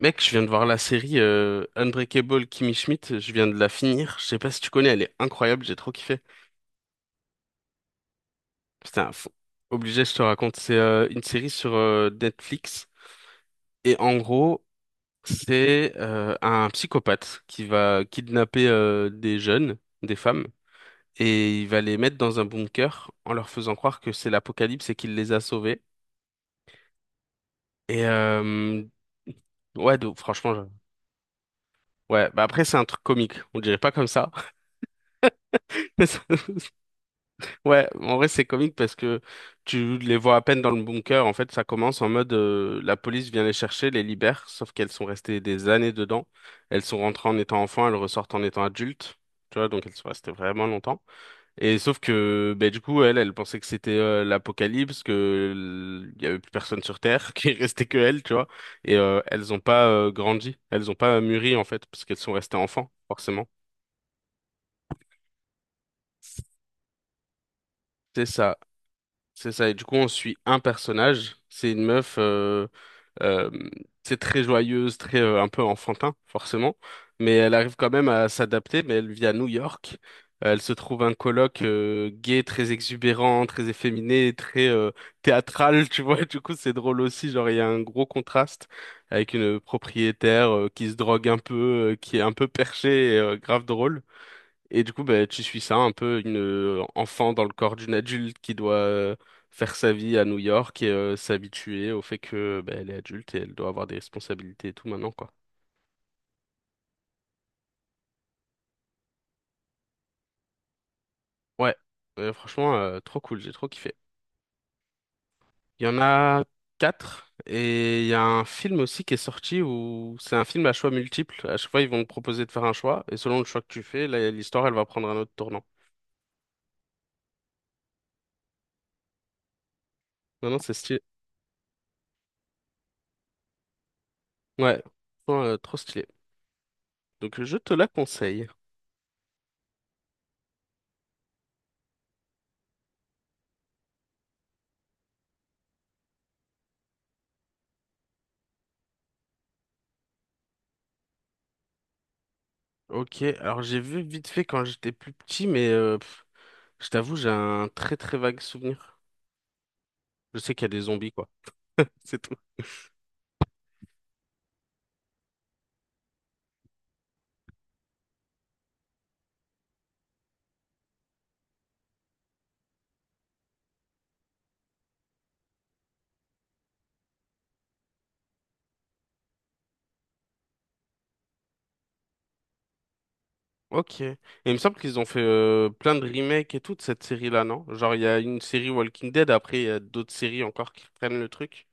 Mec, je viens de voir la série Unbreakable Kimmy Schmidt, je viens de la finir. Je sais pas si tu connais, elle est incroyable, j'ai trop kiffé. Putain, obligé, je te raconte. C'est une série sur Netflix. Et en gros, c'est un psychopathe qui va kidnapper des jeunes, des femmes, et il va les mettre dans un bunker en leur faisant croire que c'est l'apocalypse et qu'il les a sauvés. Et euh, ouais, donc, franchement, ouais, bah après, c'est un truc comique, on dirait pas comme ça. Ouais, en vrai c'est comique parce que tu les vois à peine dans le bunker. En fait, ça commence en mode la police vient les chercher, les libère, sauf qu'elles sont restées des années dedans. Elles sont rentrées en étant enfants, elles ressortent en étant adultes. Tu vois, donc elles sont restées vraiment longtemps. Et sauf que ben du coup, elle, elle pensait que c'était l'apocalypse, que il y avait plus personne sur Terre, qu'il restait que elle, tu vois. Et elles ont pas grandi, elles ont pas mûri en fait, parce qu'elles sont restées enfants, forcément. C'est ça. C'est ça, et du coup on suit un personnage, c'est une meuf, euh, c'est très joyeuse, très un peu enfantin forcément, mais elle arrive quand même à s'adapter, mais elle vit à New York, elle se trouve un coloc gay, très exubérant, très efféminé, très théâtral, tu vois, du coup c'est drôle aussi, genre il y a un gros contraste avec une propriétaire qui se drogue un peu, qui est un peu perchée et grave drôle. Et du coup, bah, tu suis ça, un peu une enfant dans le corps d'une adulte qui doit faire sa vie à New York et s'habituer au fait que bah, elle est adulte et elle doit avoir des responsabilités et tout maintenant, quoi. Ouais. Franchement, trop cool, j'ai trop kiffé. Il y en a quatre et il y a un film aussi qui est sorti où c'est un film à choix multiples. À chaque fois, ils vont te proposer de faire un choix et selon le choix que tu fais, là, l'histoire, elle va prendre un autre tournant. Non, non, c'est stylé. Ouais. Franchement, trop stylé. Donc, je te la conseille. Ok, alors j'ai vu vite fait quand j'étais plus petit, mais pff, je t'avoue, j'ai un très très vague souvenir. Je sais qu'il y a des zombies, quoi. C'est tout. Ok. Et il me semble qu'ils ont fait plein de remakes et tout de cette série-là, non? Genre, il y a une série Walking Dead, après, il y a d'autres séries encore qui prennent le truc.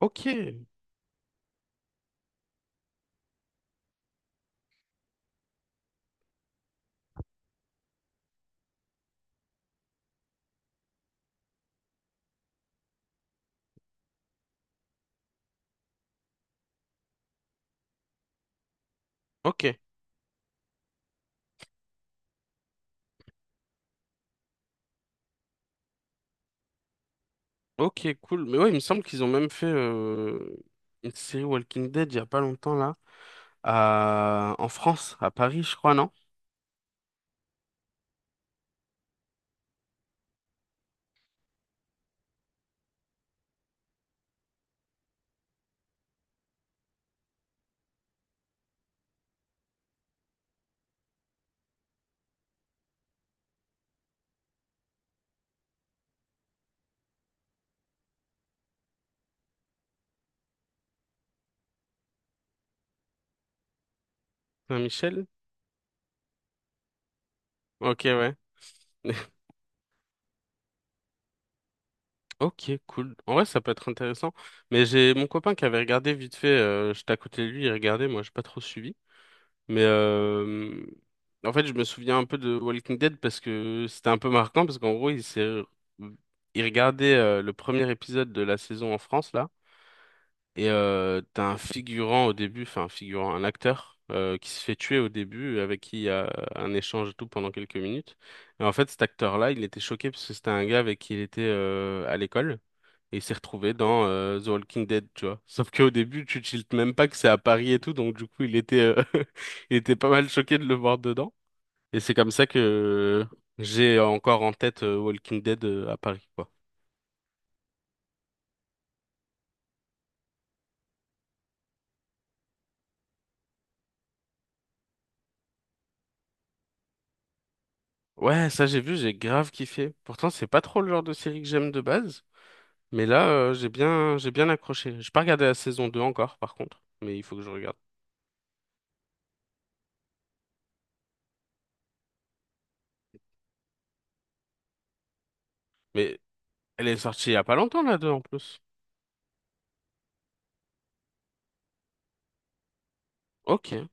Ok, ok, ok, cool. Mais ouais, il me semble qu'ils ont même fait une série Walking Dead il y a pas longtemps là, en France, à Paris, je crois, non? Saint-Michel? Ok, ouais. Ok, cool. En vrai, ça peut être intéressant. Mais j'ai mon copain qui avait regardé vite fait, j'étais à côté de lui, il regardait, moi j'ai pas trop suivi. Mais en fait, je me souviens un peu de Walking Dead parce que c'était un peu marquant, parce qu'en gros, il s'est... il regardait le premier épisode de la saison en France, là. Et t'as un figurant au début, enfin un figurant, un acteur qui se fait tuer au début, avec qui il y a un échange et tout pendant quelques minutes. Et en fait, cet acteur-là, il était choqué parce que c'était un gars avec qui il était à l'école. Et il s'est retrouvé dans The Walking Dead, tu vois. Sauf qu'au début, tu tiltes même pas que c'est à Paris et tout, donc du coup, il était pas mal choqué de le voir dedans. Et c'est comme ça que j'ai encore en tête Walking Dead à Paris, quoi. Ouais, ça j'ai vu, j'ai grave kiffé. Pourtant, c'est pas trop le genre de série que j'aime de base. Mais là, j'ai bien accroché. J'ai pas regardé la saison 2 encore, par contre. Mais il faut que je regarde. Mais elle est sortie il y a pas longtemps, la 2 en plus. Ok,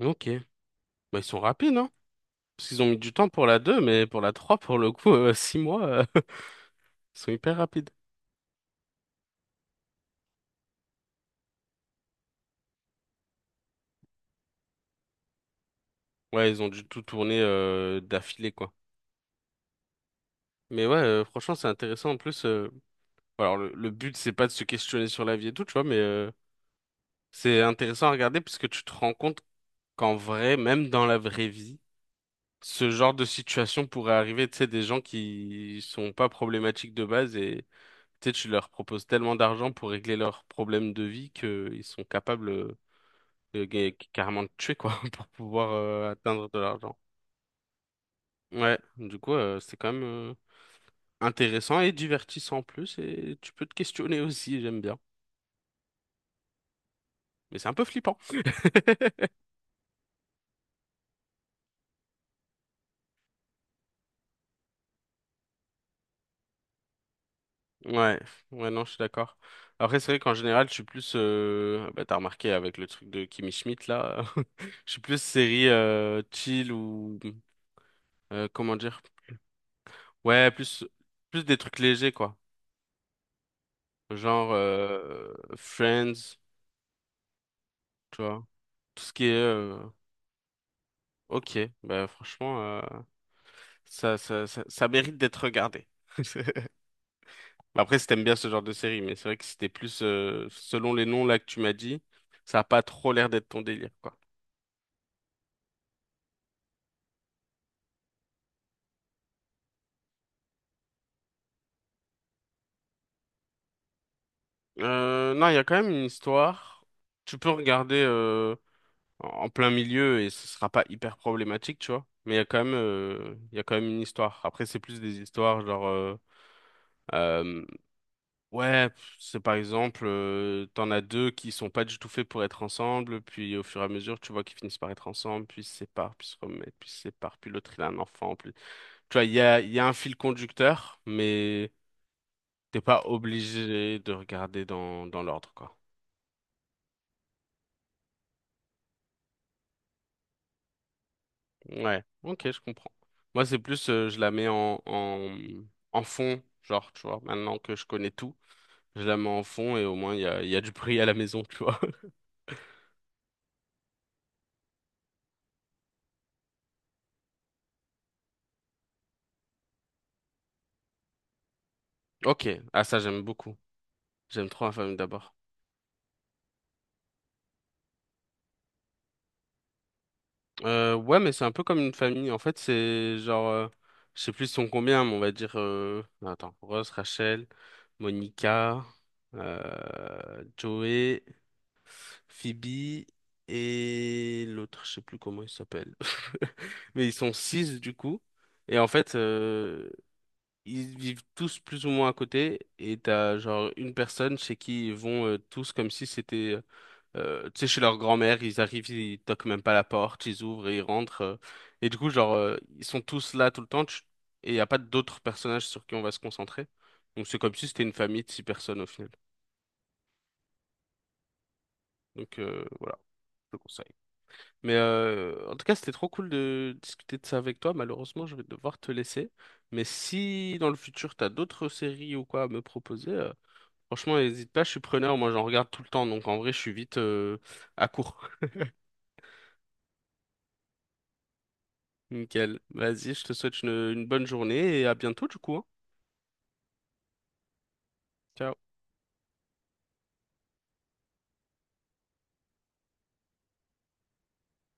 ok. Bah, ils sont rapides, hein? Parce qu'ils ont mis du temps pour la 2 mais pour la 3 pour le coup, 6 mois, ils sont hyper rapides. Ouais, ils ont dû tout tourner d'affilée, quoi. Mais ouais, franchement, c'est intéressant. En plus, alors le but, c'est pas de se questionner sur la vie et tout, tu vois, mais c'est intéressant à regarder parce que tu te rends compte qu'en vrai, même dans la vraie vie, ce genre de situation pourrait arriver, tu sais, des gens qui sont pas problématiques de base et tu sais, tu leur proposes tellement d'argent pour régler leurs problèmes de vie qu'ils sont capables carrément de tuer, quoi, pour pouvoir atteindre de l'argent. Ouais, du coup, c'est quand même intéressant et divertissant en plus et tu peux te questionner aussi, j'aime bien. Mais c'est un peu flippant. Ouais, ouais, non, je suis d'accord. Après, c'est vrai qu'en général, je suis plus, bah, t'as remarqué avec le truc de Kimi Schmidt là, je suis plus série chill ou comment dire, ouais, plus des trucs légers quoi, genre Friends, tu vois, tout ce qui est, ok, bah franchement, ça mérite d'être regardé. Après, si t'aimes bien ce genre de série, mais c'est vrai que c'était plus, selon les noms là que tu m'as dit, ça a pas trop l'air d'être ton délire quoi. Non, il y a quand même une histoire. Tu peux regarder en en plein milieu et ce sera pas hyper problématique, tu vois. Mais il y a quand même, il y a quand même une histoire. Après, c'est plus des histoires genre, euh, ouais, pff, c'est par exemple, t'en as deux qui sont pas du tout faits pour être ensemble, puis au fur et à mesure, tu vois qu'ils finissent par être ensemble, puis ils se séparent, puis se remettent, puis se séparent, puis l'autre il a un enfant, puis tu vois, il y a un fil conducteur, mais t'es pas obligé de regarder dans l'ordre, quoi. Ouais, ok, je comprends. Moi, c'est plus, je la mets en fond, genre, tu vois, maintenant que je connais tout, je la mets en fond et au moins, il y a du bruit à la maison, tu vois. Ok, ah ça, j'aime beaucoup. J'aime trop la famille d'abord. Ouais, mais c'est un peu comme une famille. En fait, c'est genre, je sais plus ils sont combien, mais on va dire, attends, Rachel, Monica, Joey, Phoebe et l'autre, je sais plus comment il s'appelle. Mais ils sont six du coup. Et en fait, ils vivent tous plus ou moins à côté. Et t'as genre une personne chez qui ils vont tous comme si c'était, tu sais, chez leur grand-mère. Ils arrivent, ils toquent même pas la porte, ils ouvrent et ils rentrent. Et du coup, genre, ils sont tous là tout le temps. Et il n'y a pas d'autres personnages sur qui on va se concentrer. Donc c'est comme si c'était une famille de six personnes au final. Donc voilà, je le conseille. Mais en tout cas, c'était trop cool de discuter de ça avec toi. Malheureusement, je vais devoir te laisser. Mais si dans le futur, t'as d'autres séries ou quoi à me proposer, franchement, n'hésite pas, je suis preneur. Moi, j'en regarde tout le temps. Donc, en vrai, je suis vite à court. Nickel. Vas-y, je te souhaite une bonne journée et à bientôt, du coup, hein. Ciao.